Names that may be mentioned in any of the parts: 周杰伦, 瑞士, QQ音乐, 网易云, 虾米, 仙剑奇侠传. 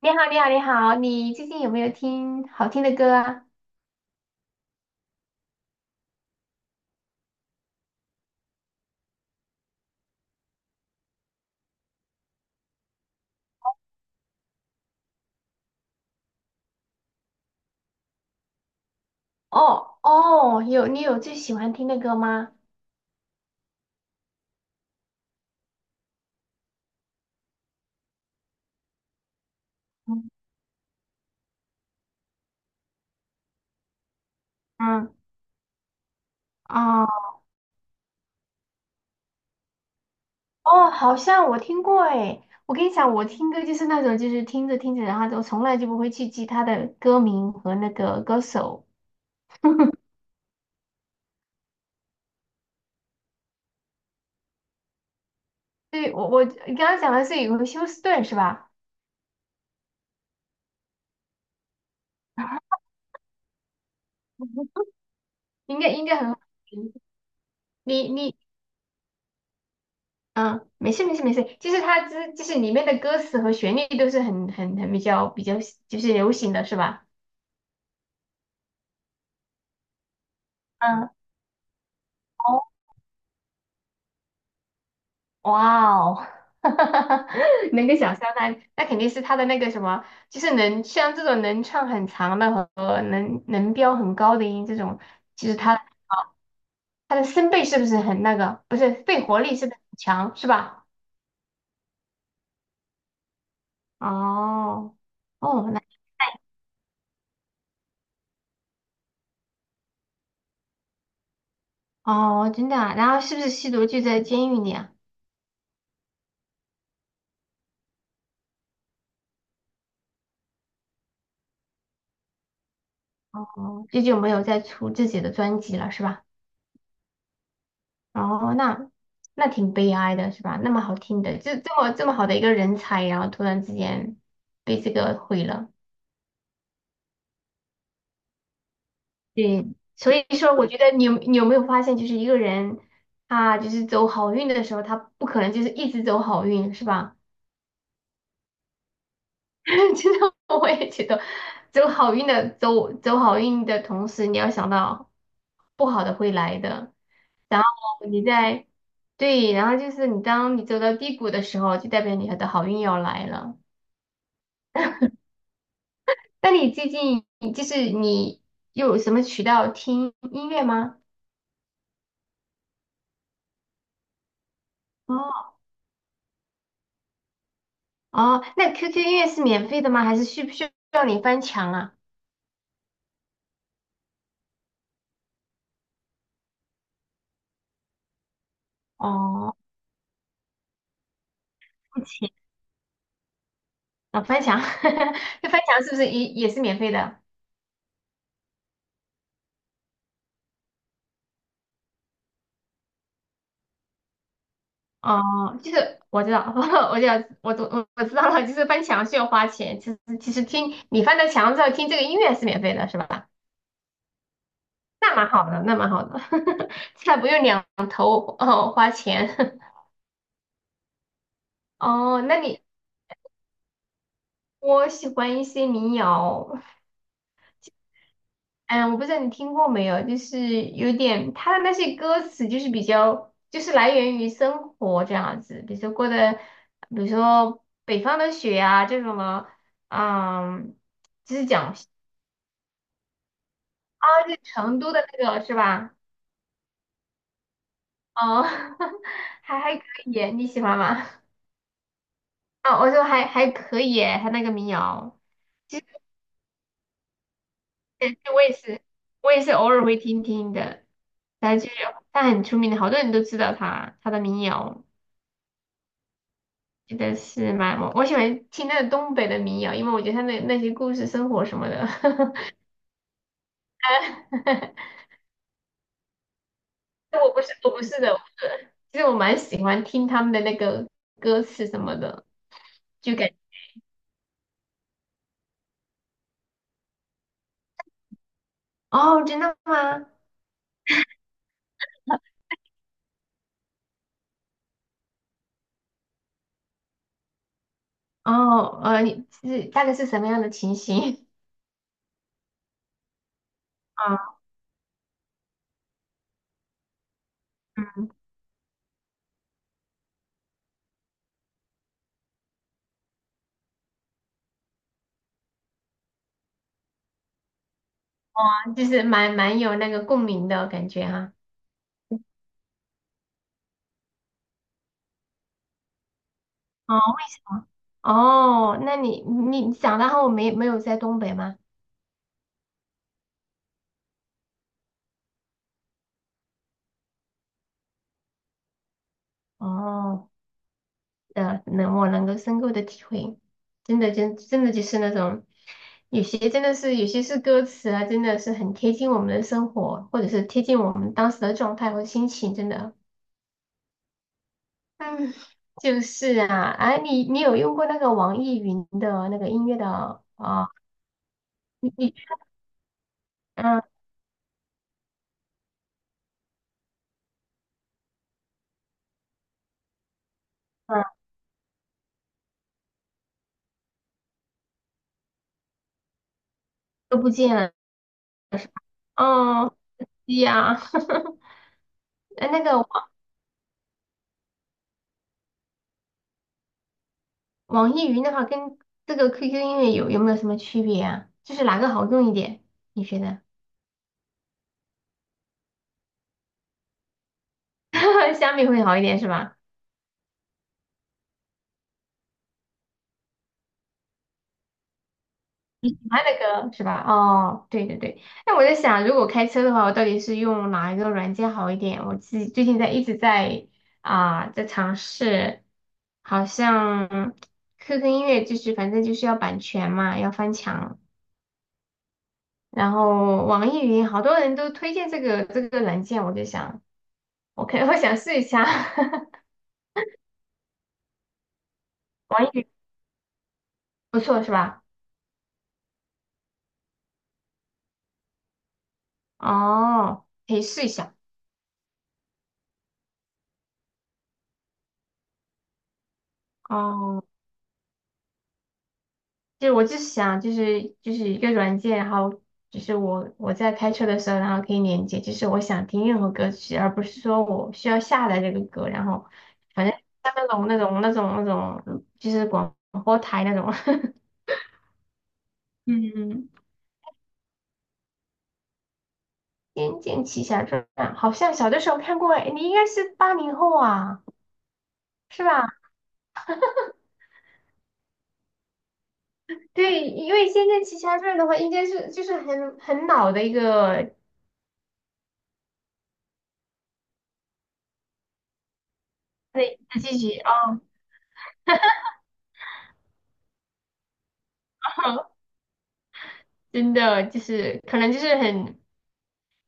你好，你好，你好，你最近有没有听好听的歌啊？哦哦，有，你有最喜欢听的歌吗？嗯嗯啊哦，好像我听过诶。我跟你讲，我听歌就是那种，就是听着听着，然后就从来就不会去记他的歌名和那个歌手。对，我你刚刚讲的是有个休斯顿是吧？应该应该很好听。你你嗯，没事没事没事，就是它之就是里面的歌词和旋律都是很比较比较就是流行的是吧？嗯，哦，哇哦，能够想象那那肯定是他的那个什么，就是能像这种能唱很长的和能能飙很高的音这种，其实他他的声贝是不是很那个，不是肺活力是不是很强是吧？哦哦那哦真的啊，然后是不是吸毒就在监狱里啊？哦，最近没有再出自己的专辑了，是吧？哦，那那挺悲哀的，是吧？那么好听的，这么好的一个人才，然后突然之间被这个毁了。对，所以说我觉得你有没有发现，就是一个人他就是走好运的时候，他不可能就是一直走好运，是吧？其实我也觉得，走好运的走好运的同时，你要想到不好的会来的。然后你在，对，然后就是你当你走到低谷的时候，就代表你的好运要来了。那你最近就是你有什么渠道听音乐吗？哦哦，那 QQ 音乐是免费的吗？还是需不需要你翻墙啊？哦，付钱啊，翻墙，那翻墙是不是也也是免费的？哦，就是我知道，我知道，我懂，我知道了，就是翻墙需要花钱，其实其实听你翻到墙之后听这个音乐是免费的，是吧？那蛮好的，那蛮好的，这还不用两哦花钱 哦。那你我喜欢一些民谣，嗯，我不知道你听过没有，就是有点它的那些歌词就是比较就是来源于生活这样子，比如说过的，比如说北方的雪啊这种的，嗯，就是讲啊，就成都的那个是吧？哦，还还可以，你喜欢吗？啊，我说还还可以，他那个民谣。对，我也是，我也是偶尔会听听的。但就是他很出名的，好多人都知道他他的民谣，真的是蛮我喜欢听那个东北的民谣，因为我觉得他那那些故事、生活什么的。但我不是的，其实我蛮喜欢听他们的那个歌词什么的，就感哦，真的吗？哦，呃，你是大概是什么样的情形？啊，嗯，就是蛮蛮有那个共鸣的感觉哈、哦。哦，那你你长大后没没有在东北吗？哦，能我能够深刻的体会，真的真真的就是那种，有些真的是有些是歌词啊，真的是很贴近我们的生活，或者是贴近我们当时的状态和心情，真的。嗯，就是啊，哎、你你有用过那个网易云的那个音乐的啊？你你嗯嗯都不见了哦，对呀，哎，那个。网易云的话跟这个 QQ 音乐有没有什么区别啊？就是哪个好用一点？你觉得？虾米会好一点是吧？喜欢的歌是吧？哦，对对对。那我在想，如果开车的话，我到底是用哪一个软件好一点？我自己最近在一直在啊、在尝试，好像 QQ 音乐就是反正就是要版权嘛，要翻墙。然后网易云好多人都推荐这个软件，我就想，我可 我想试一下。网易云。不错是吧？哦，可以试一下。哦，就是我就是想，就是就是一个软件，然后就是我在开车的时候，然后可以连接，就是我想听任何歌曲，而不是说我需要下载这个歌，然后反正像那种，就是广播台那种。嗯，《仙剑奇侠传》好像小的时候看过，哎，你应该是八零后啊，是吧？对，因为《仙剑奇侠传》的话，应该是就是很老的一个对，自己哦，真的就是可能就是很，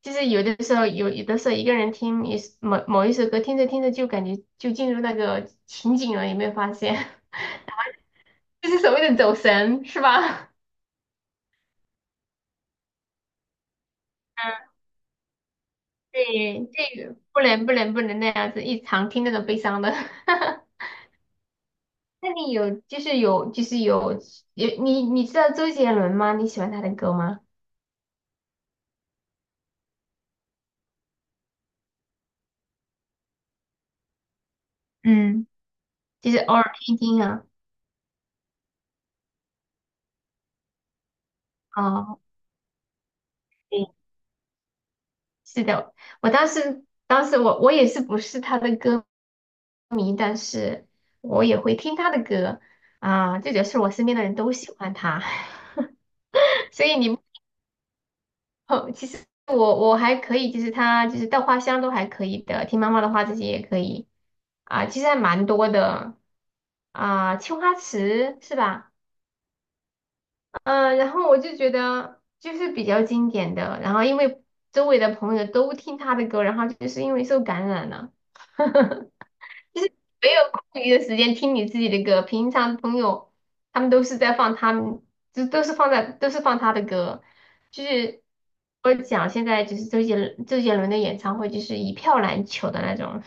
就是有的时候有的时候一个人听一某某一首歌，听着听着就感觉就进入那个情景了，有没有发现？就是所谓的走神，是吧？嗯，对，这个不能那样子，一常听那种悲伤的。那你有就是有你你知道周杰伦吗？你喜欢他的歌吗？嗯，就是偶尔听一听啊。哦，是的，我当时我也是不是他的歌迷，但是我也会听他的歌啊，这就是我身边的人都喜欢他，所以你哦，其实我我还可以，就是他就是稻花香都还可以的，听妈妈的话这些也可以啊，其实还蛮多的啊，青花瓷是吧？嗯，然后我就觉得就是比较经典的，然后因为周围的朋友都听他的歌，然后就是因为受感染了。就是没有空余的时间听你自己的歌。平常朋友他们都是在放他们，就都是放在都是放他的歌。就是我讲现在就是周杰伦的演唱会，就是一票难求的那种。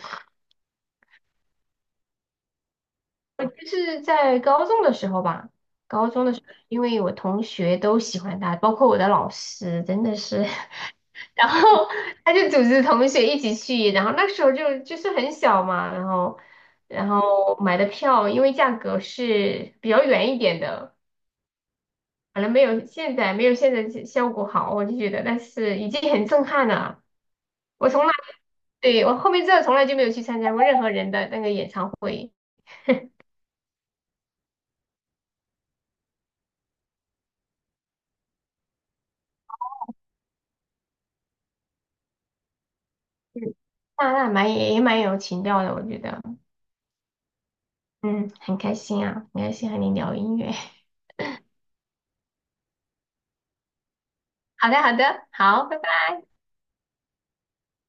就是在高中的时候吧，高中的时候，因为我同学都喜欢他，包括我的老师，真的是。然后 他就组织同学一起去，然后那时候就就是很小嘛，然后然后买的票，因为价格是比较远一点的，可能没有现在效果好，我就觉得，但是已经很震撼了。我从来对我后面真的从来就没有去参加过任何人的那个演唱会，嗯，那那蛮也也蛮有情调的，我觉得，嗯，很开心啊，很开心和你聊音乐。好的，好的，好，拜拜。